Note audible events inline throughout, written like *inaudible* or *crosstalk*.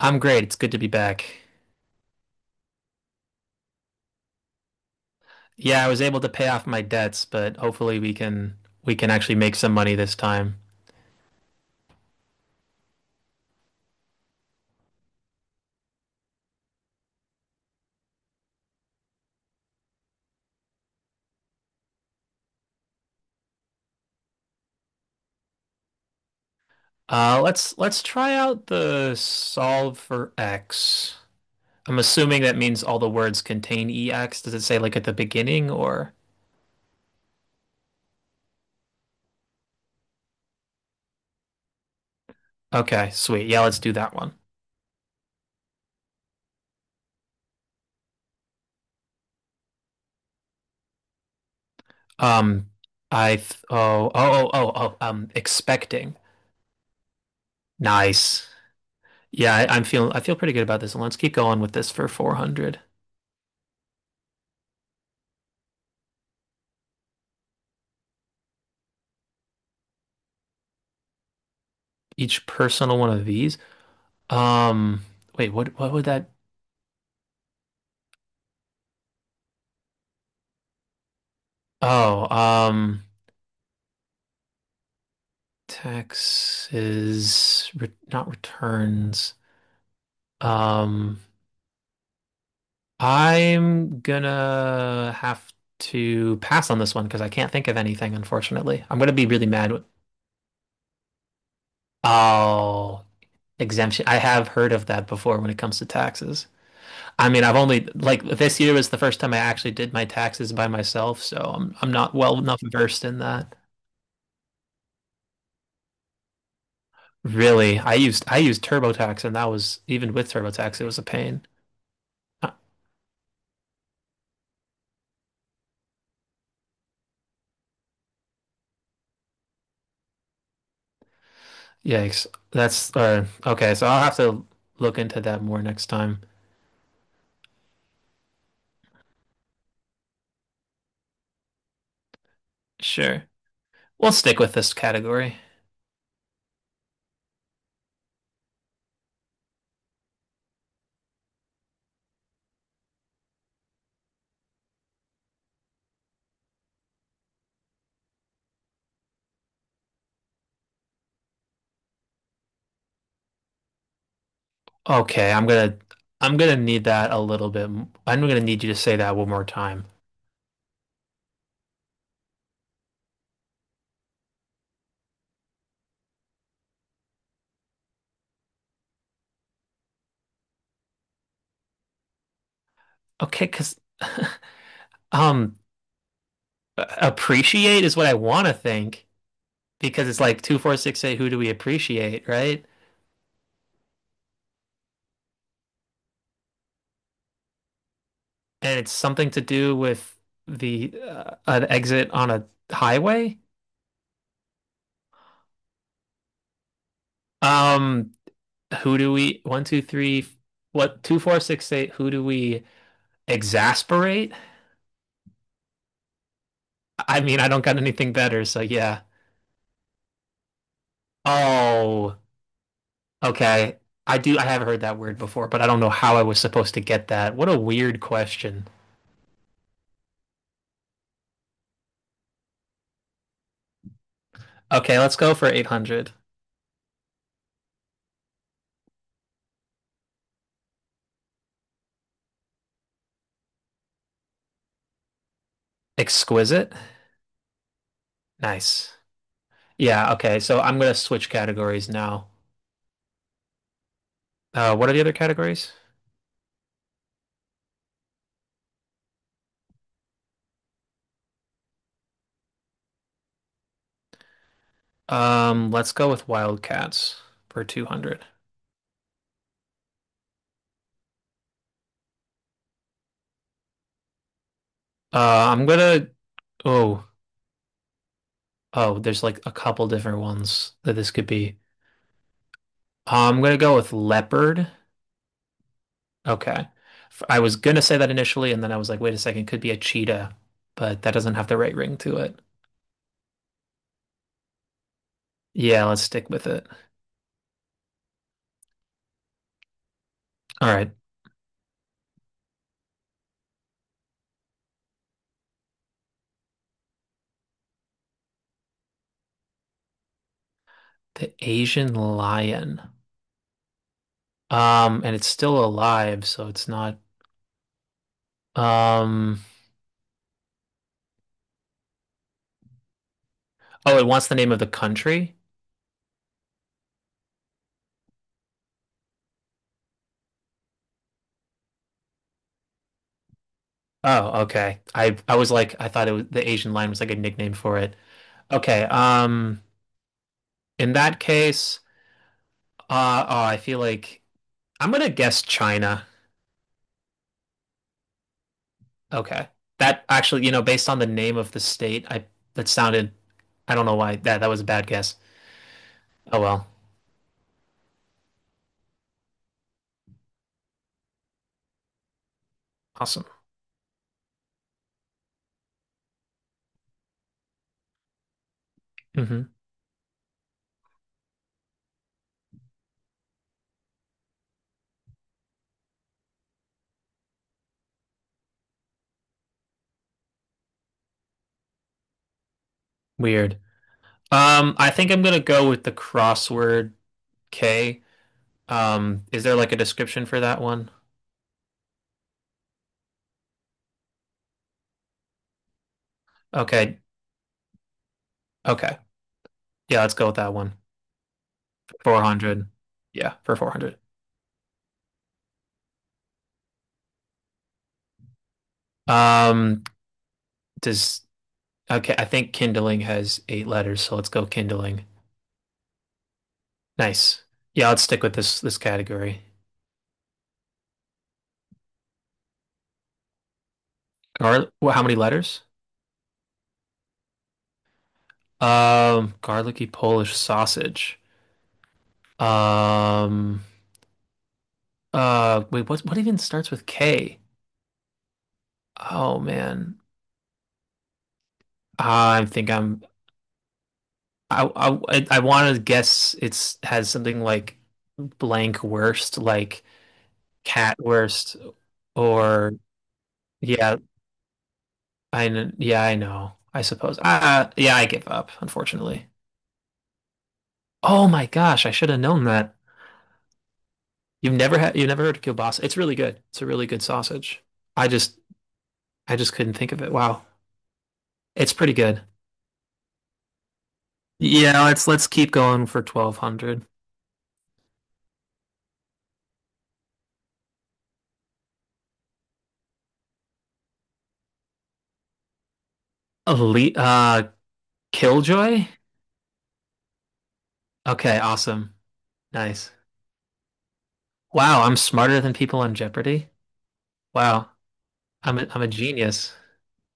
I'm great. It's good to be back. Yeah, I was able to pay off my debts, but hopefully we can actually make some money this time. Let's try out the solve for x. I'm assuming that means all the words contain ex. Does it say like at the beginning or? Okay, sweet. Yeah, let's do that one. Um, I th Oh, oh, oh, oh, oh. Expecting. Nice. Yeah, I feel pretty good about this one. Let's keep going with this for 400. Each personal one of these. Um, Wait, what would that? Oh, taxes, re not returns. Um, I'm gonna have to pass on this one because I can't think of anything, unfortunately. I'm gonna be really mad with, oh, exemption. I have heard of that before when it comes to taxes. I mean, I've only like this year was the first time I actually did my taxes by myself, so I'm not well enough versed in that. Really, I used TurboTax, and that was even with TurboTax, it was a pain. Uh, Yikes! That's okay. So I'll have to look into that more next time. Sure, we'll stick with this category. Okay, I'm gonna need that a little bit. I'm gonna need you to say that one more time. Okay, because *sighs* um, appreciate is what I want to think because it's like two, four, six, eight. Who do we appreciate, right? And it's something to do with the an exit on a highway. Um, who do we one, two, three, what two, four, six, eight, who do we exasperate? I mean, I don't got anything better, so yeah. Oh, okay. I have heard that word before, but I don't know how I was supposed to get that. What a weird question. Okay, let's go for 800. Exquisite. Nice. Yeah, okay. So I'm gonna switch categories now. What are the other categories? Let's go with wildcats for 200. Uh, I'm gonna oh, oh, there's like a couple different ones that this could be. I'm gonna go with leopard. Okay. I was gonna say that initially, and then I was like, wait a second, could be a cheetah, but that doesn't have the right ring to it. Yeah, let's stick with it. All right. The Asian lion. And it's still alive, so it's not um oh, it wants the name of the country? Oh, okay. I was like I thought it was the Asian lion was like a nickname for it. Okay, in that case, oh, I feel like I'm gonna guess China. Okay. That actually, based on the name of the state, I that sounded. I don't know why that was a bad guess. Oh well. Awesome. Hmm. Weird. I think I'm gonna go with the crossword K. Is there like a description for that one? Okay. Okay. Yeah, let's go with that one. 400. Yeah, for 400. Um, does Okay, I think kindling has 8 letters, so let's go kindling. Nice. Yeah, let's stick with this category. Gar Well, how many letters? Garlicky Polish sausage. Um, Wait, what even starts with K? Oh man, I think I'm I I want to guess it's has something like blank worst, like cat worst, or yeah, yeah I know. I suppose. Yeah, I give up, unfortunately. Oh my gosh, I should have known that. You've never heard of kielbasa. It's really good. It's a really good sausage. I just I just couldn't think of it. Wow. It's pretty good. Yeah, let's keep going for 1200. Elite Killjoy? Okay, awesome. Nice. Wow, I'm smarter than people on Jeopardy. Wow. I'm a genius.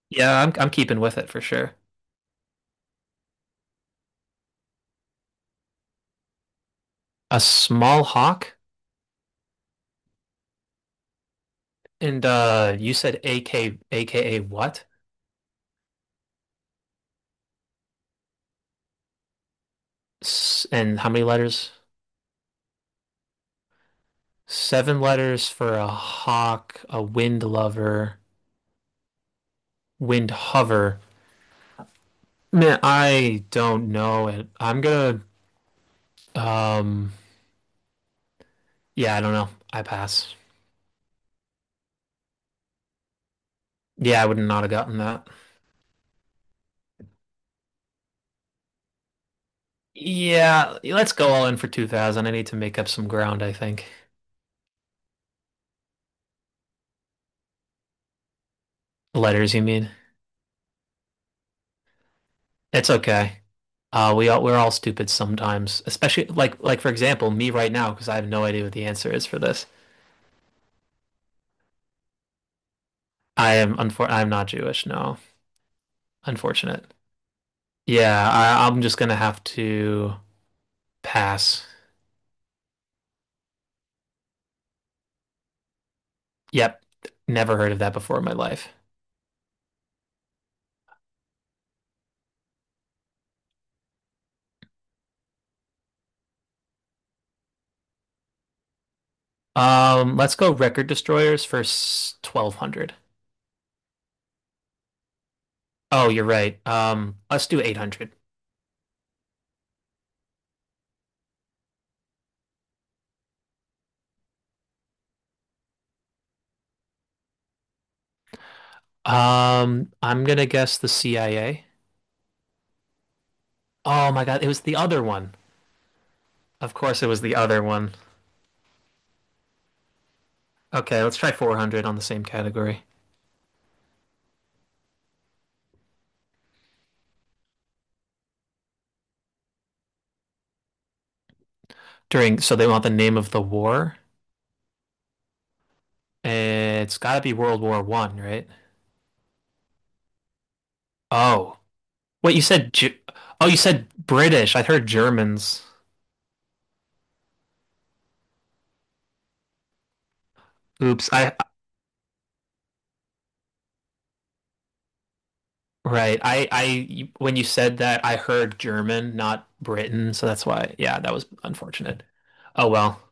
Yeah, I'm keeping with it for sure. A small hawk, and you said A K A K A what? S And how many letters? 7 letters for a hawk, a wind lover, wind hover. Man, I don't know it. Um, yeah, I don't know. I pass. Yeah, I would not have gotten that. Yeah, let's go all in for 2000. I need to make up some ground, I think. Letters, you mean? It's okay. We're all stupid sometimes, especially like for example, me right now because I have no idea what the answer is for this. I'm not Jewish, no. Unfortunate. Yeah, I'm just gonna have to pass. Yep, never heard of that before in my life. Let's go record destroyers for 1200. Oh, you're right. Let's do 800. I'm gonna guess the CIA. Oh my God, it was the other one. Of course, it was the other one. Okay, let's try 400 on the same category. During, so they want the name of the war. It's gotta be World War I, right? Oh, wait, you said oh, you said British. I heard Germans. Oops, I Right. When you said that, I heard German, not Britain, so that's why. Yeah, that was unfortunate. Oh well.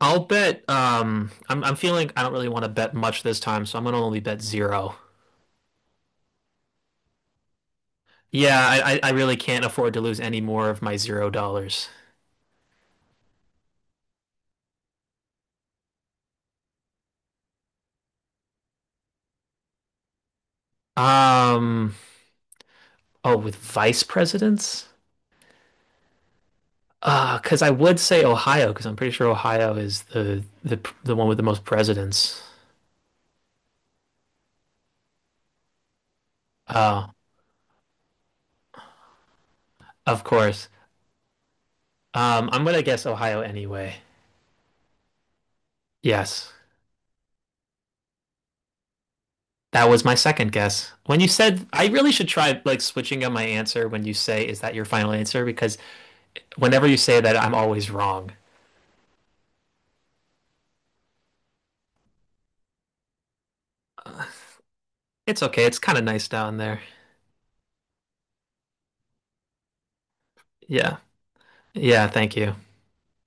I'll bet. I don't really want to bet much this time, so I'm gonna only bet zero. Yeah, I really can't afford to lose any more of my $0. Um, oh, with vice presidents? Because I would say Ohio, because I'm pretty sure Ohio is the one with the most presidents. Oh, of course. I'm gonna guess Ohio anyway. Yes. That was my second guess. When you said, I really should try like switching up my answer when you say, is that your final answer? Because whenever you say that, I'm always wrong. Uh, It's okay. It's kind of nice down there. Yeah. Yeah. Thank you.